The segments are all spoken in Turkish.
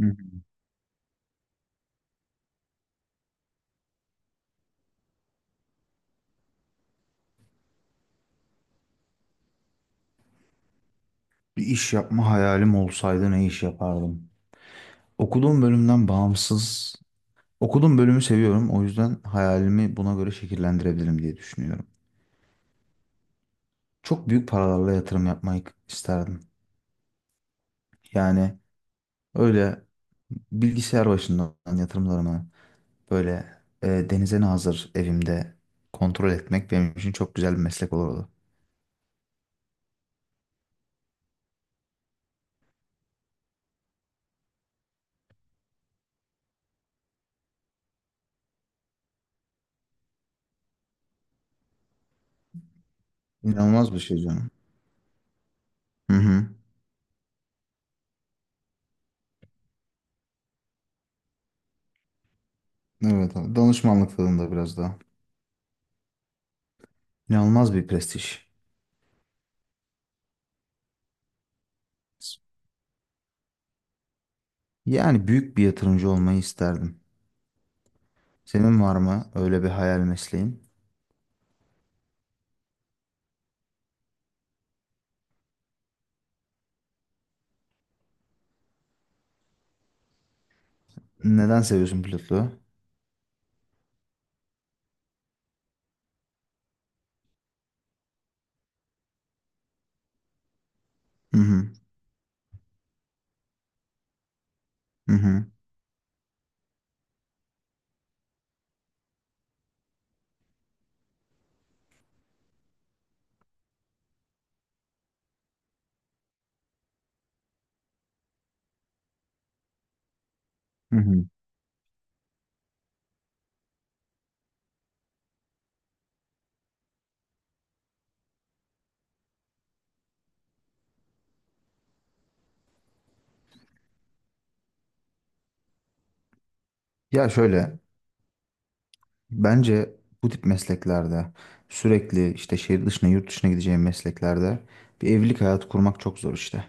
Hı hı. Bir iş yapma hayalim olsaydı ne iş yapardım? Okuduğum bölümden bağımsız, okuduğum bölümü seviyorum. O yüzden hayalimi buna göre şekillendirebilirim diye düşünüyorum. Çok büyük paralarla yatırım yapmayı isterdim. Yani öyle bilgisayar başından yatırımlarımı böyle denize nazır evimde kontrol etmek benim için çok güzel bir meslek olurdu. İnanılmaz bir şey canım. Hı hı. Evet abi. Danışmanlık tadında biraz daha. İnanılmaz bir prestij. Yani büyük bir yatırımcı olmayı isterdim. Senin var mı öyle bir hayal mesleğin? Neden seviyorsun pilotluğu? Hı hı, hı hı, hı hı. Ya şöyle, bence bu tip mesleklerde sürekli işte şehir dışına, yurt dışına gideceğim mesleklerde bir evlilik hayatı kurmak çok zor işte.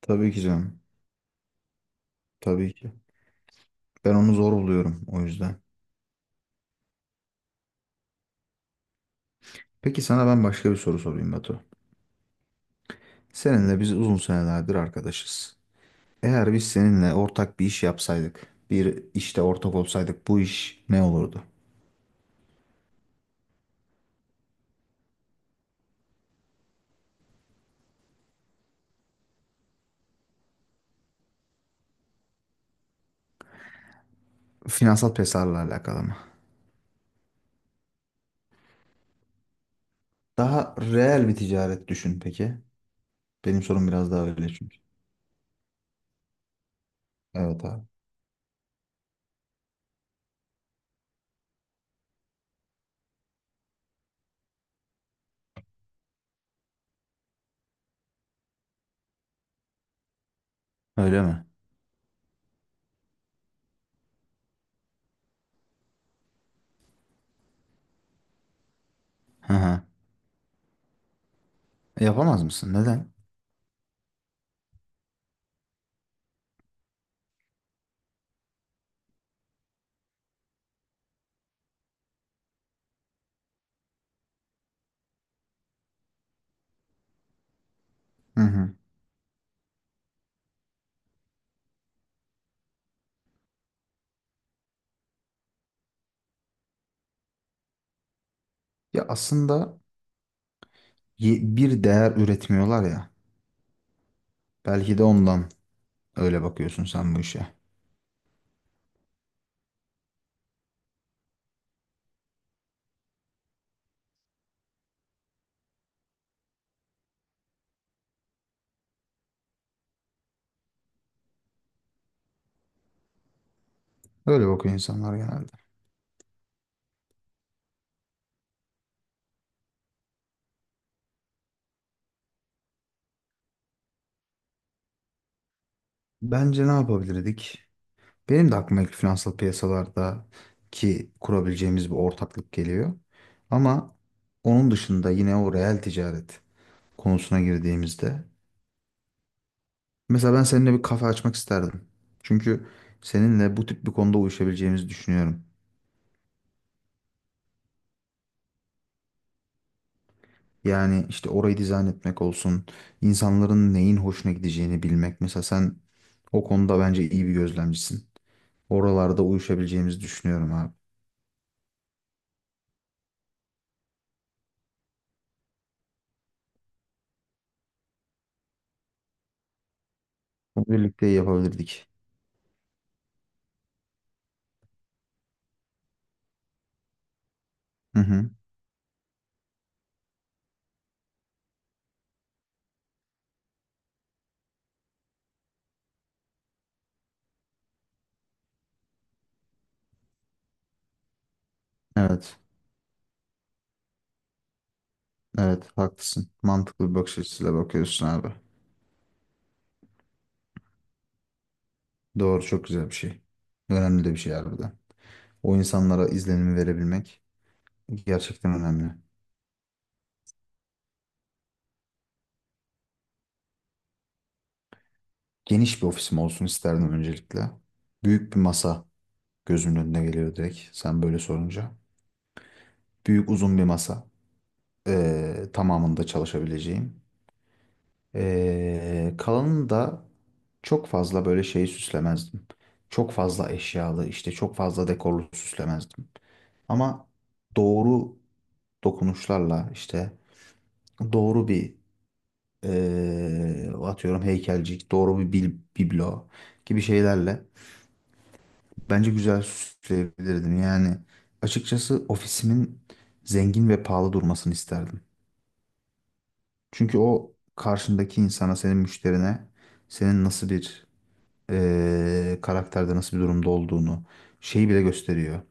Tabii ki canım, tabii ki. Ben onu zor buluyorum o yüzden. Peki sana ben başka bir soru sorayım Batu. Seninle biz uzun senelerdir arkadaşız. Eğer biz seninle ortak bir iş yapsaydık, bir işte ortak olsaydık bu iş ne olurdu? Finansal pesarla alakalı mı? Daha reel bir ticaret düşün peki. Benim sorum biraz daha öyle çünkü. Evet abi. Öyle mi? Hı hı. Yapamaz mısın? Neden? Hı hı. Ya aslında bir değer üretmiyorlar ya. Belki de ondan öyle bakıyorsun sen bu işe. Öyle bakıyor insanlar genelde. Bence ne yapabilirdik? Benim de aklıma ilk finansal piyasalarda ki kurabileceğimiz bir ortaklık geliyor. Ama onun dışında yine o reel ticaret konusuna girdiğimizde mesela ben seninle bir kafe açmak isterdim. Çünkü seninle bu tip bir konuda uyuşabileceğimizi düşünüyorum. Yani işte orayı dizayn etmek olsun, insanların neyin hoşuna gideceğini bilmek. Mesela sen o konuda bence iyi bir gözlemcisin. Oralarda uyuşabileceğimizi düşünüyorum abi. Bunu birlikte yapabilirdik. Hı hı. Evet. Evet haklısın. Mantıklı bir bakış açısıyla bakıyorsun abi. Doğru çok güzel bir şey. Önemli de bir şey harbiden. O insanlara izlenimi verebilmek gerçekten önemli. Geniş bir ofisim olsun isterdim öncelikle. Büyük bir masa gözümün önüne geliyor direkt sen böyle sorunca. Büyük uzun bir masa. Tamamında çalışabileceğim. Kalanını da çok fazla böyle şeyi süslemezdim. Çok fazla eşyalı işte çok fazla dekorlu süslemezdim. Ama doğru dokunuşlarla işte doğru bir atıyorum heykelcik, doğru bir biblo gibi şeylerle bence güzel süsleyebilirdim. Yani açıkçası ofisimin zengin ve pahalı durmasını isterdim. Çünkü o karşındaki insana, senin müşterine senin nasıl bir karakterde, nasıl bir durumda olduğunu şeyi bile gösteriyor.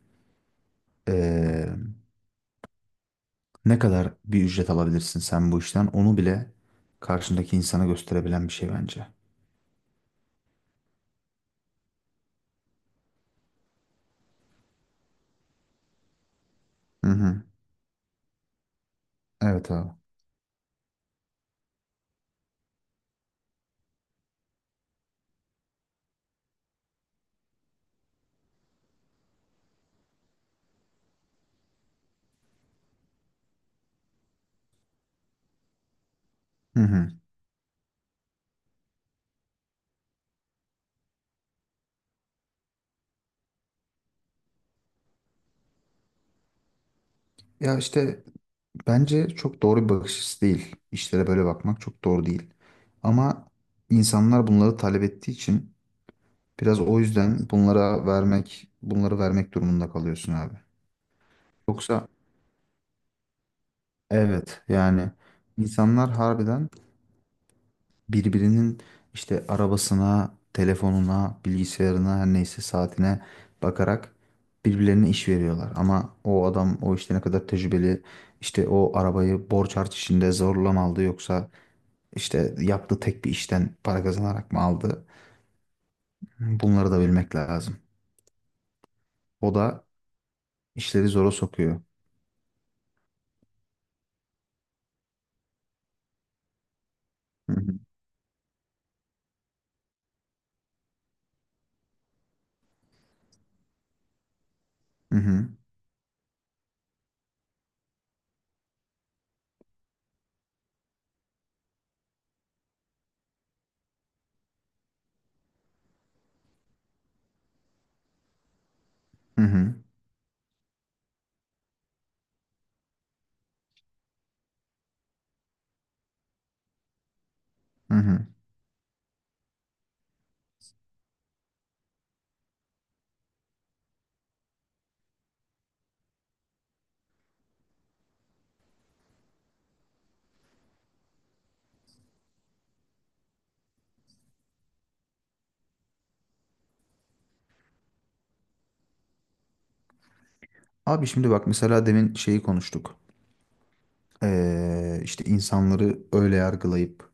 Ne kadar bir ücret alabilirsin sen bu işten onu bile karşındaki insana gösterebilen bir şey bence. Hı hı. Evet abi. Hı hı. Ya işte bence çok doğru bir bakış açısı değil. İşlere böyle bakmak çok doğru değil. Ama insanlar bunları talep ettiği için biraz o yüzden bunlara vermek, bunları vermek durumunda kalıyorsun abi. Yoksa evet yani insanlar harbiden birbirinin işte arabasına, telefonuna, bilgisayarına her neyse saatine bakarak birbirlerine iş veriyorlar. Ama o adam o işte ne kadar tecrübeli işte o arabayı borç harç içinde zorla mı aldı yoksa işte yaptığı tek bir işten para kazanarak mı aldı? Bunları da bilmek lazım. O da işleri zora sokuyor. Hı hı, hı hı, hı. Hı hı. Abi şimdi bak mesela demin şeyi konuştuk. İşte insanları öyle yargılayıp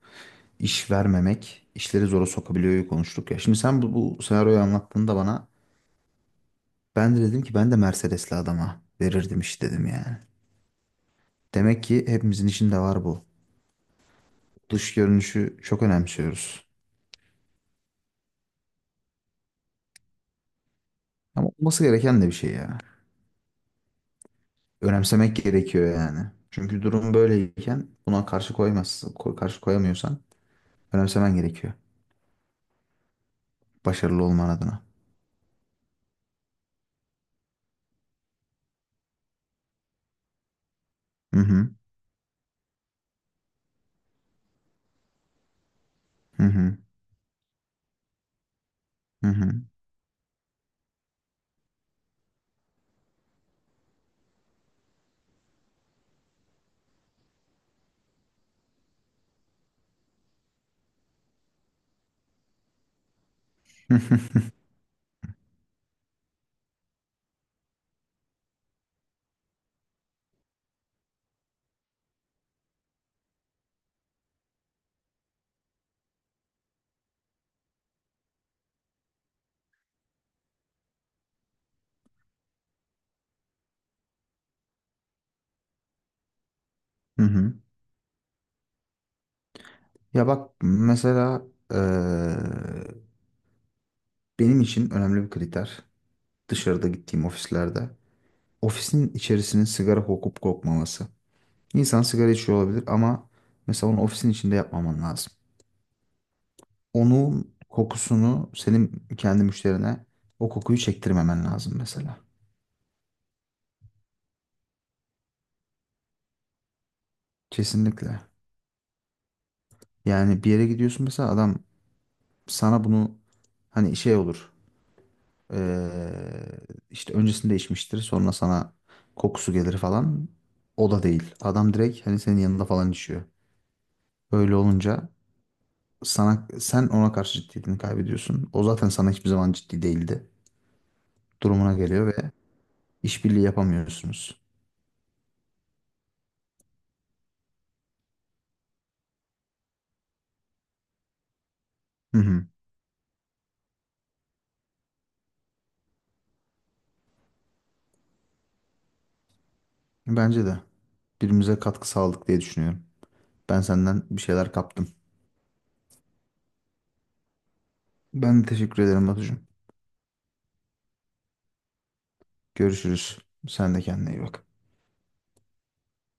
iş vermemek işleri zora sokabiliyor konuştuk ya. Şimdi sen bu senaryoyu anlattığında bana ben de dedim ki ben de Mercedes'li adama verirdim iş dedim yani. Demek ki hepimizin içinde var bu. Dış görünüşü çok önemsiyoruz. Ama olması gereken de bir şey ya. Önemsemek gerekiyor yani. Çünkü durum böyleyken buna karşı koymazsın, karşı koyamıyorsan önemsemen gerekiyor. Başarılı olman adına. Hı hı, hı hı, hı hı, hı hı. Hı hı. Ya bak mesela eee, benim için önemli bir kriter dışarıda gittiğim ofislerde ofisin içerisinin sigara kokup kokmaması. İnsan sigara içiyor olabilir ama mesela onu ofisin içinde yapmaman lazım. Onun kokusunu senin kendi müşterine o kokuyu çektirmemen lazım mesela. Kesinlikle. Yani bir yere gidiyorsun mesela adam sana bunu hani şey olur, eee, işte öncesinde içmiştir sonra sana kokusu gelir falan. O da değil. Adam direkt hani senin yanında falan içiyor. Öyle olunca sana sen ona karşı ciddiyetini kaybediyorsun. O zaten sana hiçbir zaman ciddi değildi. Durumuna geliyor ve işbirliği yapamıyorsunuz. Hı hı. Bence de birbirimize katkı sağladık diye düşünüyorum. Ben senden bir şeyler kaptım. Ben de teşekkür ederim Batucuğum. Görüşürüz. Sen de kendine iyi bak.